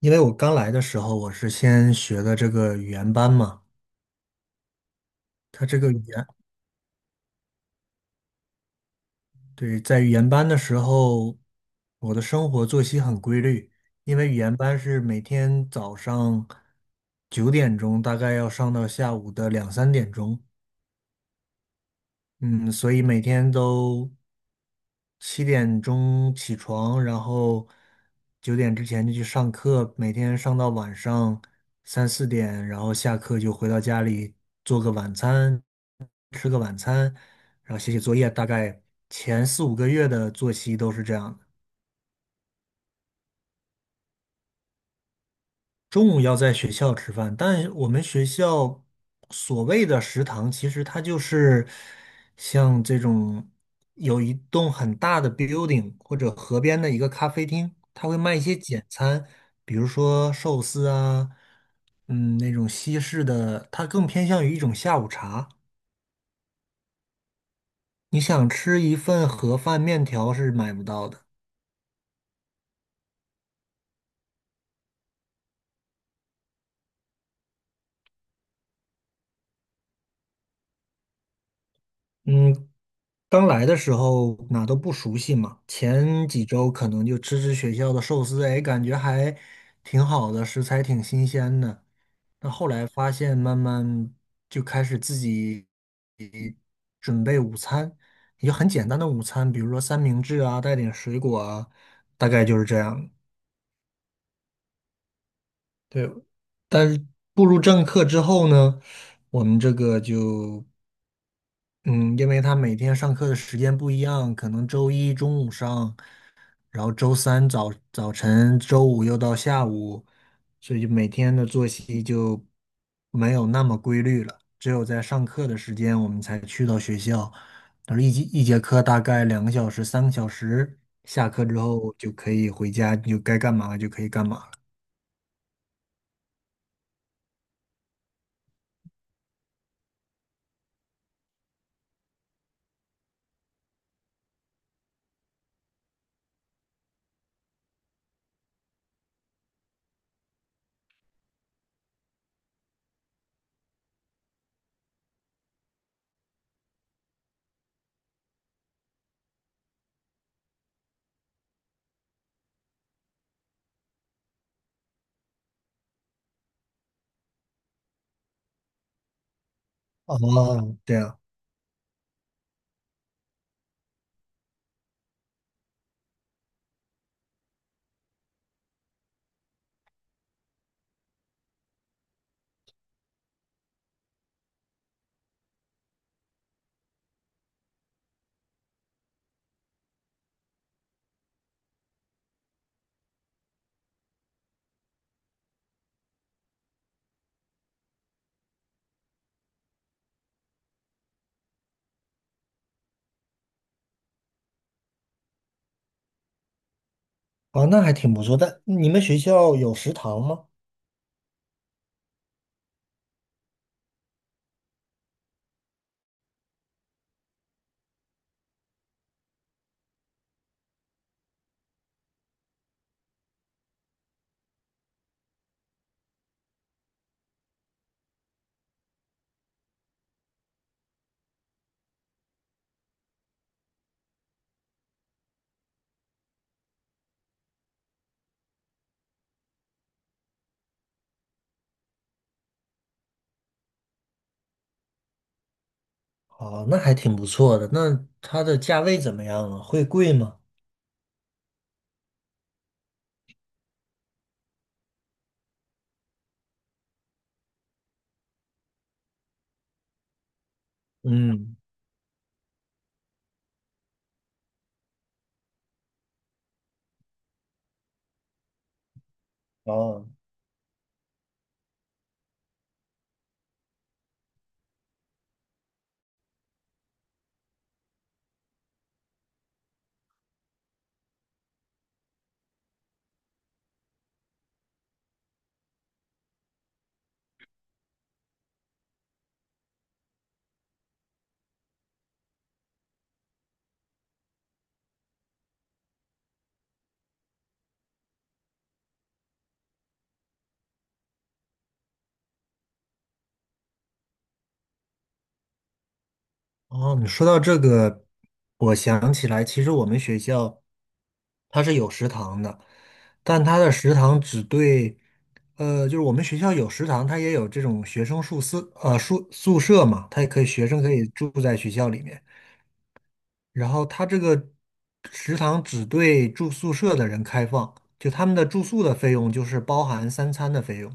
因为我刚来的时候，我是先学的这个语言班嘛。他这个语言，对，在语言班的时候，我的生活作息很规律，因为语言班是每天早上9点钟，大概要上到下午的2、3点钟。嗯，所以每天都7点钟起床，然后九点之前就去上课，每天上到晚上3、4点，然后下课就回到家里做个晚餐，吃个晚餐，然后写写作业，大概前4、5个月的作息都是这样的。中午要在学校吃饭，但我们学校所谓的食堂，其实它就是像这种有一栋很大的 building 或者河边的一个咖啡厅，它会卖一些简餐，比如说寿司啊，那种西式的，它更偏向于一种下午茶。你想吃一份盒饭面条是买不到的。嗯，刚来的时候哪都不熟悉嘛，前几周可能就吃吃学校的寿司，哎，感觉还挺好的，食材挺新鲜的。那后来发现，慢慢就开始自己准备午餐，也就很简单的午餐，比如说三明治啊，带点水果啊，大概就是这样。对，但是步入正课之后呢，我们这个就，嗯，因为他每天上课的时间不一样，可能周一中午上。然后周三早晨，周五又到下午，所以就每天的作息就没有那么规律了。只有在上课的时间，我们才去到学校。然后一节一节课大概2个小时、3个小时，下课之后就可以回家，就该干嘛就可以干嘛了。哦，这样，哦，那还挺不错的。但你们学校有食堂吗？哦，那还挺不错的。那它的价位怎么样啊？会贵吗？嗯。哦。哦，你说到这个，我想起来，其实我们学校它是有食堂的，但它的食堂只对，呃，就是我们学校有食堂，它也有这种学生宿舍，宿舍嘛，它也可以学生可以住在学校里面。然后它这个食堂只对住宿舍的人开放，就他们的住宿的费用就是包含三餐的费用，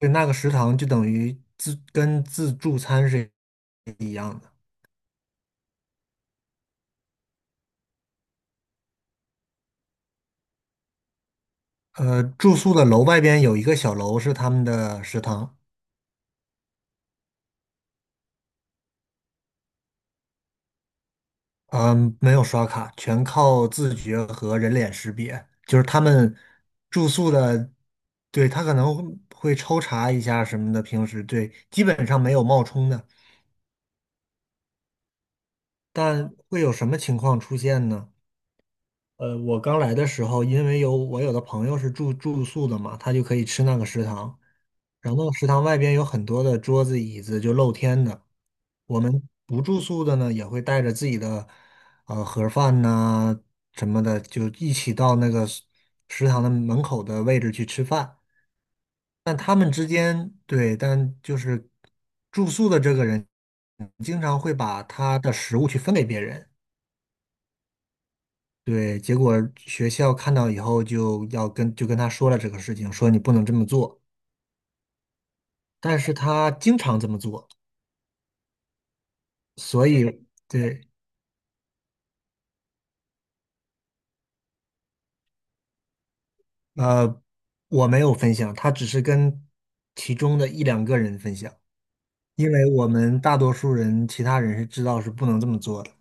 就那个食堂就等于自助餐是一样的。住宿的楼外边有一个小楼是他们的食堂，嗯，没有刷卡，全靠自觉和人脸识别。就是他们住宿的，对，他可能会抽查一下什么的，平时对，基本上没有冒充的。但会有什么情况出现呢？我刚来的时候，因为我有的朋友是住宿的嘛，他就可以吃那个食堂，然后那个食堂外边有很多的桌子椅子，就露天的。我们不住宿的呢，也会带着自己的盒饭呐、什么的，就一起到那个食堂的门口的位置去吃饭。但他们之间，对，但就是住宿的这个人经常会把他的食物去分给别人。对，结果学校看到以后就跟他说了这个事情，说你不能这么做。但是他经常这么做，所以对，呃，我没有分享，他只是跟其中的一两个人分享，因为我们大多数人，其他人是知道是不能这么做的。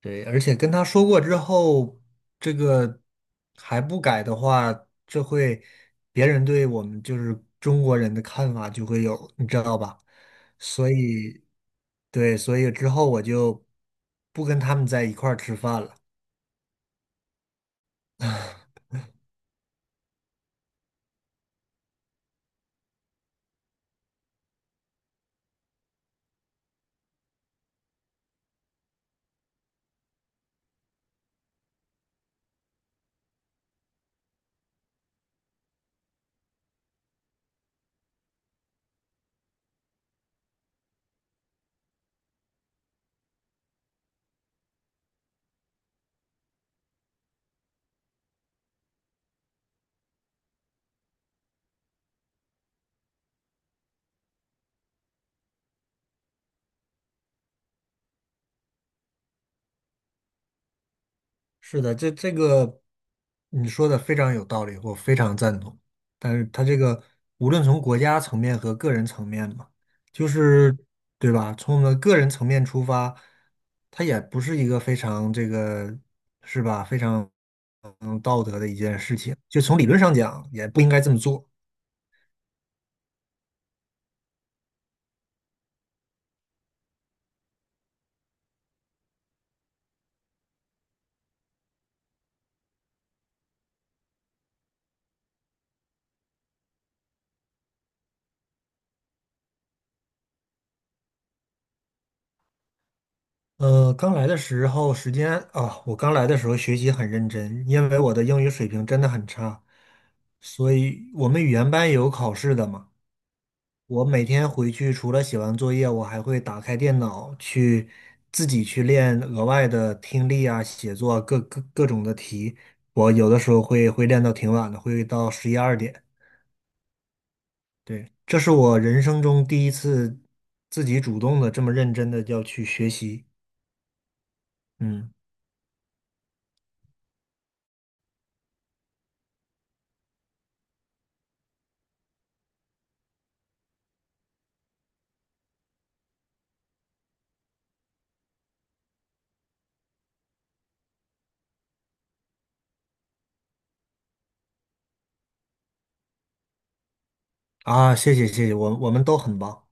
对，而且跟他说过之后，这个还不改的话，这会别人对我们就是中国人的看法就会有，你知道吧？所以，对，所以之后我就不跟他们在一块儿吃饭了。是的，这个你说的非常有道理，我非常赞同。但是它这个无论从国家层面和个人层面嘛，就是对吧？从我们个人层面出发，它也不是一个非常这个是吧？非常道德的一件事情。就从理论上讲，也不应该这么做。呃，刚来的时候时间啊，我刚来的时候学习很认真，因为我的英语水平真的很差，所以我们语言班也有考试的嘛。我每天回去除了写完作业，我还会打开电脑去自己去练额外的听力啊、写作啊各种的题。我有的时候会练到挺晚的，会到11、12点。对，这是我人生中第一次自己主动的这么认真的要去学习。嗯，啊，谢谢谢谢，我们都很棒。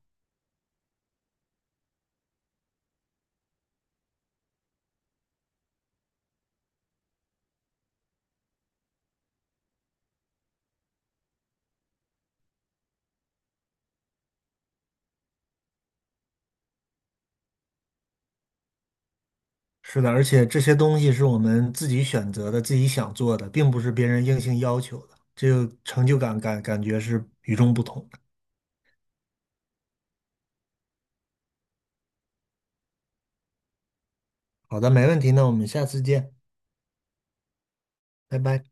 是的，而且这些东西是我们自己选择的、自己想做的，并不是别人硬性要求的，这个成就感感觉是与众不同的。好的，没问题，那我们下次见，拜拜。